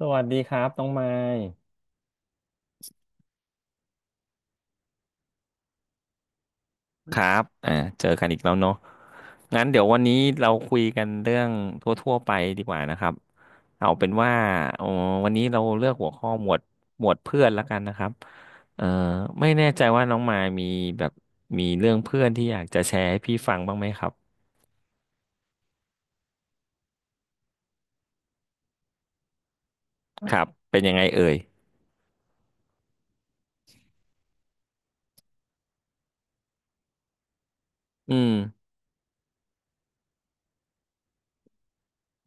สวัสดีครับน้องไมค์ครับเจอกันอีกแล้วเนาะงั้นเดี๋ยววันนี้เราคุยกันเรื่องทั่วๆไปดีกว่านะครับเอาเป็นว่าเอ่อวันนี้เราเลือกหัวข้อหมวดเพื่อนละกันนะครับเอ่อไม่แน่ใจว่าน้องมายมีแบบมีเรื่องเพื่อนที่อยากจะแชร์ให้พี่ฟังบ้างไหมครับครับเป็นยังไงเอ่ยอืม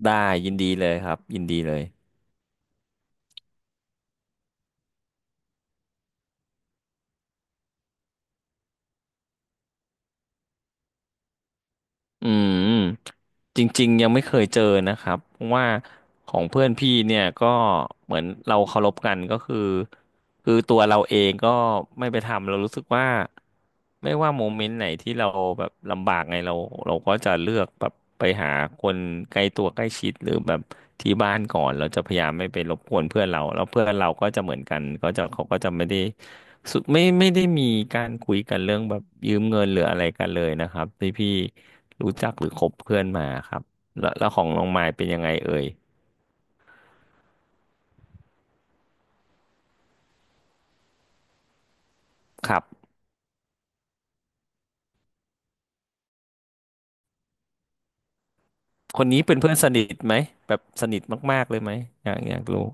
ได้ยินดีเลยครับยินดีเลยอืม จริงๆยังไม่เคยเจอนะครับเพราะว่าของเพื่อนพี่เนี่ยก็เหมือนเราเคารพกันก็คือคือตัวเราเองก็ไม่ไปทำเรารู้สึกว่าไม่ว่าโมเมนต์ไหนที่เราแบบลำบากไงเราเราก็จะเลือกแบบไปหาคนใกล้ตัวใกล้ชิดหรือแบบที่บ้านก่อนเราจะพยายามไม่ไปรบกวนเพื่อนเราแล้วเพื่อนเราก็จะเหมือนกันก็จะเขาก็จะไม่ได้ สุดไม่ได้มีการคุยกันเรื่องแบบยืมเงินหรืออะไรกันเลยนะครับที่พี่รู้จักหรือคบเพื่อนมาครับแล้วของน้องมายเป็นยังไงเอ่ยครับคนนี้เป็นเพื่อนสนิทไหมแบบสนิทมากๆเลยไหมอยากรู้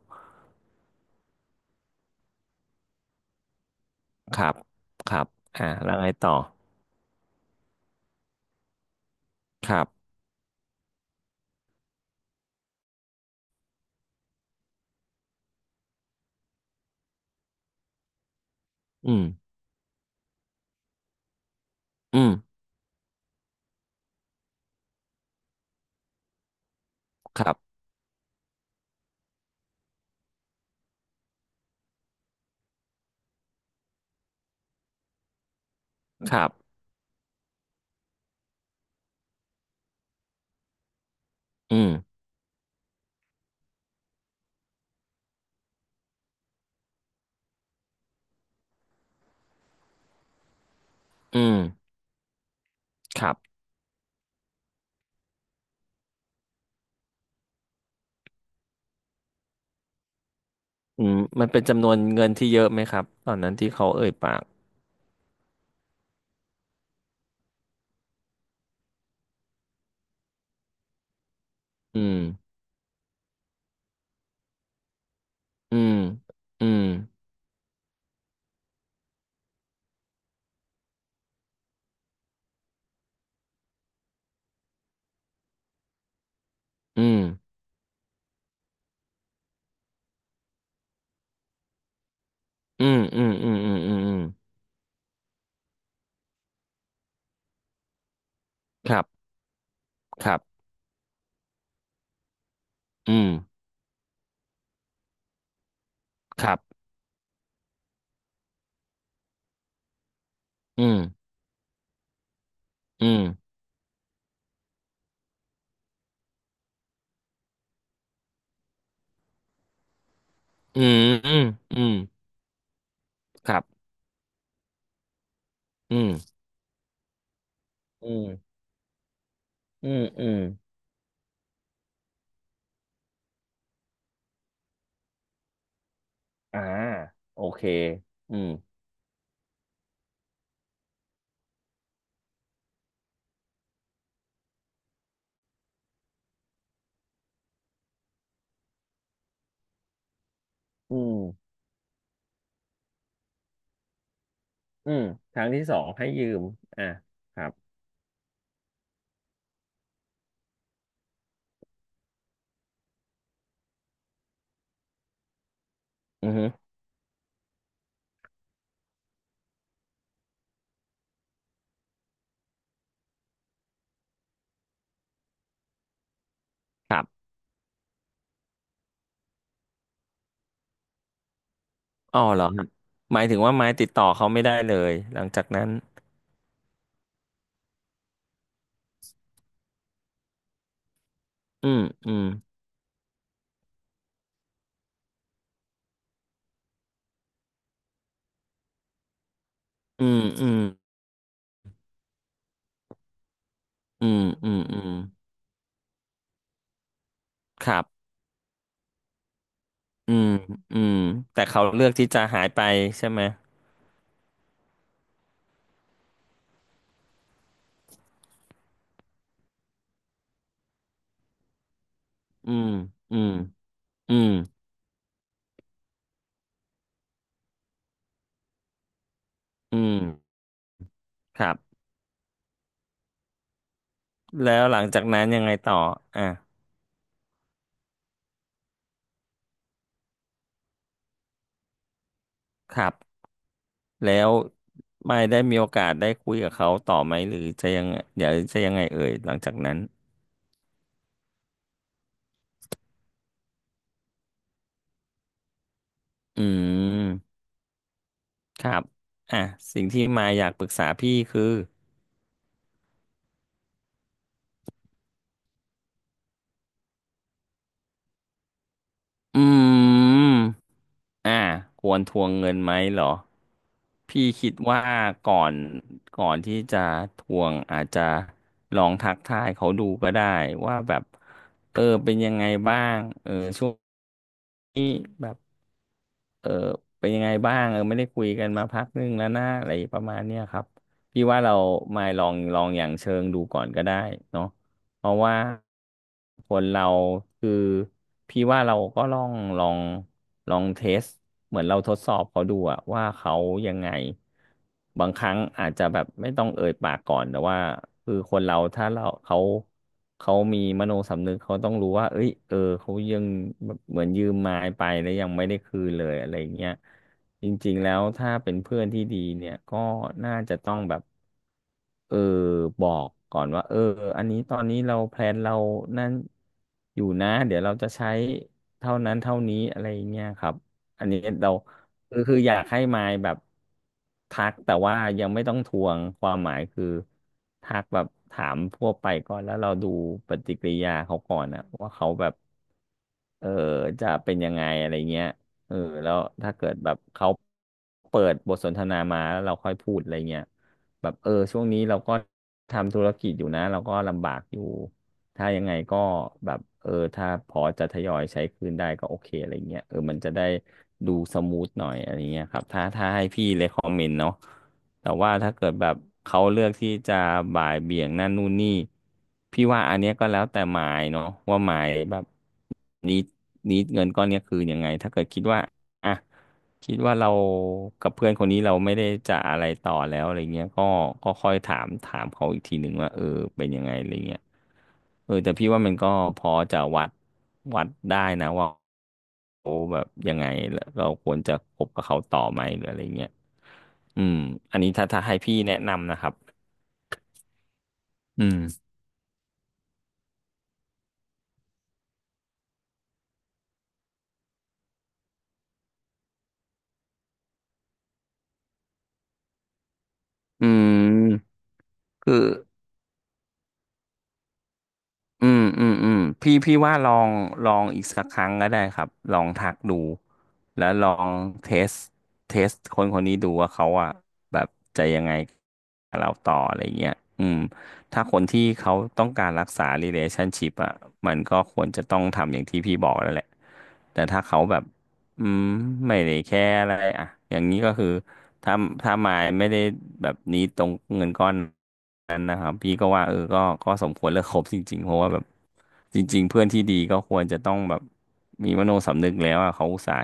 ครับครับอ่าแล้วไงต่อครับอืมอืมครับครับอืมอืมครับอืมมันเป็นจำนวนเงินที่เยอะไหมครับตอนนั้นที่เขาเอ่ยปากอืมอืมอืมอืมอืมอืมอืมอืมอืมอืม ครับครับอืมครับอืมอืมอืมอืมอืมครับอืมอืมอืมอืมอ่าโอเคอืมอืมอืมทางที่สองให้ยืมอ่าครับอือฮึครับอ๋อเหรอครับหมายถึงว่าไม้ติดต่อเขาไม่ได้เลยหลังจากนั้นอืมอืมอืมอืมอืมอืมอืมครับอืมอืมแต่เขาเลือกที่จะหายไปใช่ไหมอืมอืมอืมอืมครับ แล้วหลังจากนั้นยังไงต่ออ่ะครับ แล้วไม่ได้มีโอกาสได้คุยกับเขาต่อไหมหรือจะยังเดี๋ยวจะยังไงเอ่ยหลังจากนั้นอืมครับอ่ะสิ่งที่มาอยากปรึกษาพี่คืออืมอ่ะควรทวงเงินไหมเหรอพี่คิดว่าก่อนก่อนที่จะทวงอาจจะลองทักทายเขาดูก็ได้ว่าแบบเออเป็นยังไงบ้างเออช่วงนี้แบบ เออเป็นยังไงบ้างเออไม่ได้คุยกันมาพักนึงแล้วนะอะไรประมาณเนี้ยครับพี่ว่าเรามาลองอย่างเชิงดูก่อนก็ได้เนาะ เพราะว่าคนเราคือพี่ว่าเราก็ลองลองเทสเหมือนเราทดสอบเขาดูอะว่าเขายังไงบางครั้งอาจจะแบบไม่ต้องเอ่ยปากก่อนแต่ว่าคือคนเราถ้าเราเขามีมโนสำนึกเขาต้องรู้ว่าเอ้ยเออเขายังแบบเหมือนยืมมาไปแล้วยังไม่ได้คืนเลยอะไรเงี้ย จริงๆแล้วถ้าเป็นเพื่อนที่ดีเนี่ยก็น่าจะต้องแบบเออบอกก่อนว่าเอออันนี้ตอนนี้เราแพลนเรานั่นอยู่นะเดี๋ยวเราจะใช้เท่านั้นเท่านี้อะไรเงี้ยครับอันนี้เราคืออยากให้มายแบบทักแต่ว่ายังไม่ต้องทวงความหมายคือทักแบบถามทั่วไปก่อนแล้วเราดูปฏิกิริยาเขาก่อนนะว่าเขาแบบเออจะเป็นยังไงอะไรเงี้ย เออแล้วถ้าเกิดแบบเขาเปิดบทสนทนามาแล้วเราค่อยพูดอะไรเงี้ยแบบเออช่วงนี้เราก็ทำธุรกิจอยู่นะเราก็ลำบากอยู่ถ้ายังไงก็แบบเออถ้าพอจะทยอยใช้คืนได้ก็โอเคอะไรเงี้ยเออมันจะได้ดูสมูทหน่อยอะไรเงี้ยครับถ้าให้พี่เลคอมเมนต์เนาะแต่ว่าถ้าเกิดแบบเขาเลือกที่จะบ่ายเบี่ยงนั่นนู่นนี่พี่ว่าอันเนี้ยก็แล้วแต่หมายเนาะว่าหมายแบบ นี้นี้เงินก้อนเนี้ยคือยังไงถ้าเกิดคิดว่าอ่ะคิดว่าเรากับเพื่อนคนนี้เราไม่ได้จะอะไรต่อแล้วอะไรเงี้ยก็ก็ค่อยถามเขาอีกทีหนึ่งว่าเออเป็นยังไงอะไรเงี้ยเออแต่พี่ว่ามันก็พอจะวัดวัดได้นะว่าแบบยังไงแล้วเราควรจะคบกับเขาต่อไหมหรืออะไรเงี้ยอืมอันนี้ถ้าให้พี่แนะนำนะครับอืมอืมคือ อืมอืมอืมพี่ว่าลองลองอีกสักครั้งก็ได้ครับลองทักดูแล้วลองเทสเทสคนคนนี้ดูว่าเขาอ่ะแบบจะยังไงกับเราต่ออะไรเงี้ยอืมถ้าคนที่เขาต้องการรักษา relationship อ่ะมันก็ควรจะต้องทำอย่างที่พี่บอกแล้วแหละแต่ถ้าเขาแบบอืมไม่ได้แค่อะไรอ่ะอย่างนี้ก็คือถ้าถ้ามายไม่ได้แบบนี้ตรงเงินก้อน นั้นนะครับพี่ก็ว่าเออก็สมควรเลิก คบจริงๆเพราะว่าแบบจริงๆเพื่อนที่ดีก็ควรจะต้องแบบมีมโนสำนึกแล้วอ่ะเขาอุตส่าห์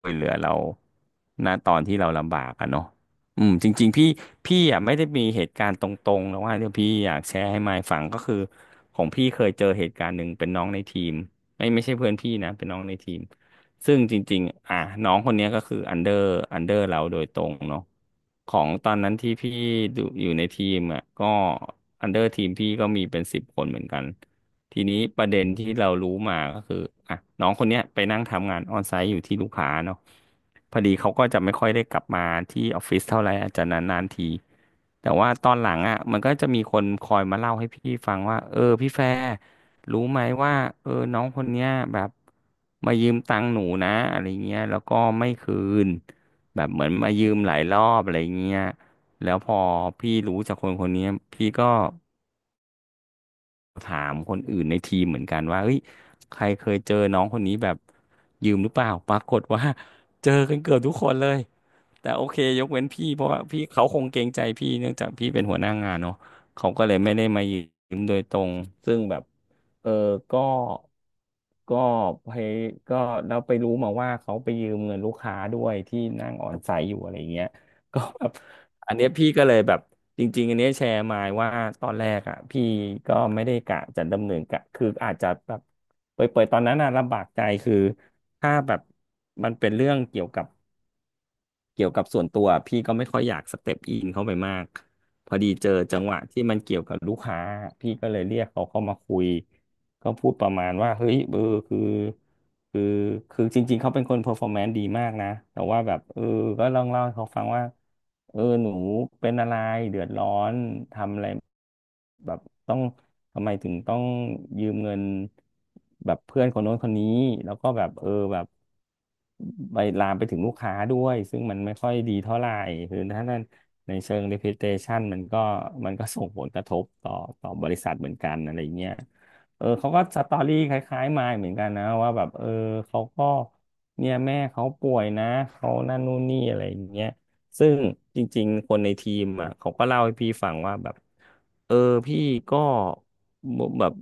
ช่วยเหลือเราณตอนที่เราลำบากอะเนาะอืมจริงๆพี่อ่ะไม่ได้มีเหตุการณ์ตรงๆแล้วว่าเดี๋ยวพี่อยากแชร์ให้มายฟังก็คือของพี่เคยเจอเหตุการณ์หนึ่งเป็นน้องในทีมไม่ใช่เพื่อนพี่นะเป็นน้องในทีม ซึ่งจริงๆอ่ะน้องคนเนี้ยก็คืออันเดอร์เราโดยตรงเนาะของตอนนั้นที่พี่ดูอยู่ในทีมอ่ะก็อันเดอร์ทีมพี่ก็มีเป็นสิบคนเหมือนกันทีนี้ประเด็นที่เรารู้มาก็คืออ่ะน้องคนเนี้ยไปนั่งทำงานออนไซต์อยู่ที่ลูกค้าเนาะพอดีเขาก็จะไม่ค่อยได้กลับมาที่ออฟฟิศเท่าไหร่อาจจะนานๆทีแต่ว่าตอนหลังอ่ะมันก็จะมีคนคอยมาเล่าให้พี่ฟังว่าเออพี่แฟร์ รู้ไหมว่าเออน้องคนเนี้ยแบบมายืมตังค์หนูนะอะไรเงี้ยแล้วก็ไม่คืนแบบเหมือนมายืมหลายรอบอะไรเงี้ยแล้วพอพี่รู้จากคนเนี้ยพี่ก็ ถามคนอื่นในทีมเหมือนกันว่าเฮ้ยใครเคยเจอน้องคนนี้แบบยืมหรือเปล่าปรากฏว่า เจอกันเกือบทุกคนเลยแต่โอเคยกเว้นพี่เพราะว่าพี่เขาคงเกรงใจพี่เนื่องจากพี่เป็นหัวหน้างานเนาะเขาก็เลยไม่ได้มายืมโดยตรงซึ่งแบบเออก็ก็ไปก็เราไปรู้มาว่าเขาไปยืมเงินลูกค้าด้วยที่นั่งอ่อนใสอยู่อะไรเงี้ย ก็แบบอันเนี้ยพี่ก็เลยแบบจริงๆอันเนี้ยแชร์มาว่าตอนแรกอ่ะพี่ก็ไม่ได้กะจะดำเนินกะคืออาจจะแบบเปิดๆตอนนั้นน่ะลำบากใจคือถ้าแบบมันเป็นเรื่องเกี่ยวกับส่วนตัวพี่ก็ไม่ค่อยอยากสเต็ปอินเข้าไปมากพอดีเจอจังหวะที่มันเกี่ยวกับลูกค้าพี่ก็เลยเรียกเขาเข้ามาคุย ก็พูดประมาณว่าเฮ้ยเออคือคือคือจริงๆเขาเป็นคนเพอร์ฟอร์แมนซ์ดีมากนะแต่ว่าแบบเออก็ลองเล่าให้เขาฟังว่าเออหนูเป็นอะไรเดือดร้อนทำอะไรแบบต้องทำไมถึงต้องยืมเงินแบบเพื่อนคนโน้นคนนี้แล้วก็แบบเออแบบไปลามไปถึงลูกค้าด้วยซึ่งมันไม่ค่อยดีเท่าไหร่คือถ้านั้นในเชิง reputation มันก็ส่งผลกระทบต่อต่อบริษัทเหมือนกันอะไรเงี้ย เออเขาก็สตอรี่คล้ายๆมายเหมือนกันนะว่าแบบเออเขาก็เนี่ยแม่เขาป่วยนะเขานั่นนู่นนี่อะไรอย่างเงี้ยซึ่งจริงๆคนในทีมอ่ะเขาก็เล่าให้พี่ฟังว่าแบบเออพี่ก็แบบ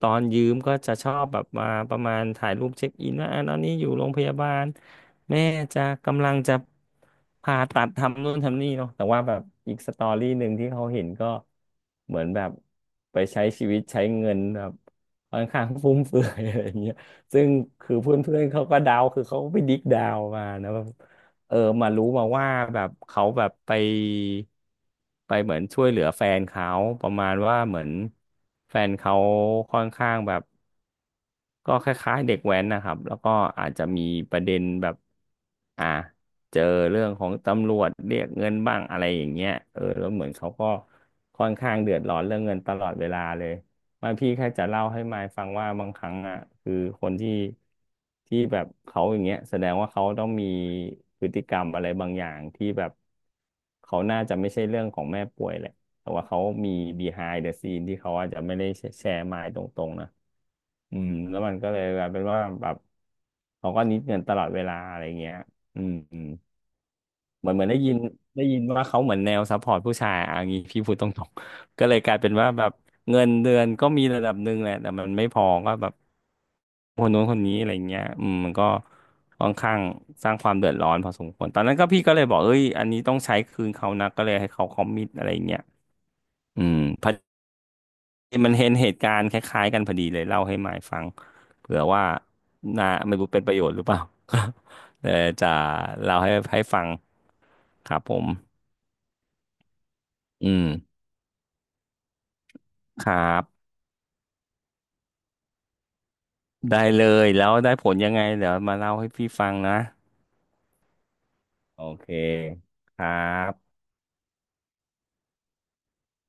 ตอนยืมก็จะชอบแบบมาประมาณถ่ายรูปเช็คอินว่าอ่ะตอนนี้อยู่โรงพยาบาลแม่จะกำลังจะผ่าตัดทำนู่นทำนี่เนาะแต่ว่าแบบอีกสตอรี่หนึ่งที่เขาเห็นก็เหมือนแบบไปใช้ชีวิตใช้เงินแบบ ค่อนข้างฟุ่มเฟือย อะไรอย่างเงี้ยซึ่งคือเพื่อนๆเขาก็เดาคือเขาก็ไปดิกเดาวมานะแบเออมารู้มาว่าแบบเขาแบบไปเหมือนช่วยเหลือแฟนเขาประมาณว่าเหมือนแฟนเขาค่อนข้างแบบ ก็คล้ายๆเด็กแว้นนะครับแล้วก็อาจจะมีประเด็นแบบอ่าเจอเรื่องของตำรวจเรียกเงินบ้างอะไรอย่างเงี้ยเออแล้วเหมือนเขาก็ค่อนข้างเดือดร้อนเรื่องเงินตลอดเวลาเลยมายพี่แค่จะเล่าให้มายฟังว่าบางครั้งอ่ะคือคนที่แบบเขาอย่างเงี้ยแสดงว่าเขาต้องมีพฤติกรรมอะไรบางอย่างที่แบบเขาน่าจะไม่ใช่เรื่องของแม่ป่วยแหละแต่ว่าเขามี behind the scene ที่เขาอาจจะไม่ได้แชร์มายตรงๆนะ อืมแล้วมันก็เลยกลายเป็นว่าแบบเขาก็นิดเงินตลอดเวลาอะไรเงี้ยอืมอืมเหมือนได้ยินได้ยินว่าเขาเหมือนแนวซัพพอร์ตผู้ชายอ่ะอย่างงี้พี่พูดตรงๆ ก็เลยกลายเป็นว่าแบบเงินเดือนก็มีระดับหนึ่งแหละแต่มันไม่พอก็แบบคนนู้นคนนี้อะไรเงี้ยอืมมันก็ค่อนข้างสร้างความเดือดร้อนพอสมควรตอนนั้นก็พี่ก็เลยบอกเอ้ยอันนี้ต้องใช้คืนเขานะก็เลยให้เขาคอมมิตอะไรเงี้ยอืม มันเห็นเหตุการณ์คล้ายๆกันพอดีเลยเล่าให้มายฟังเผื่อว่านาไม่รู้เป็นประโยชน์หรือเปล่า เดี๋ยวจะเล่าให้ให้ฟังครับผมอืมครับได้เลยแล้วได้ผลยังไงเดี๋ยวมาเล่าให้พี่ฟังนะโอเคครับ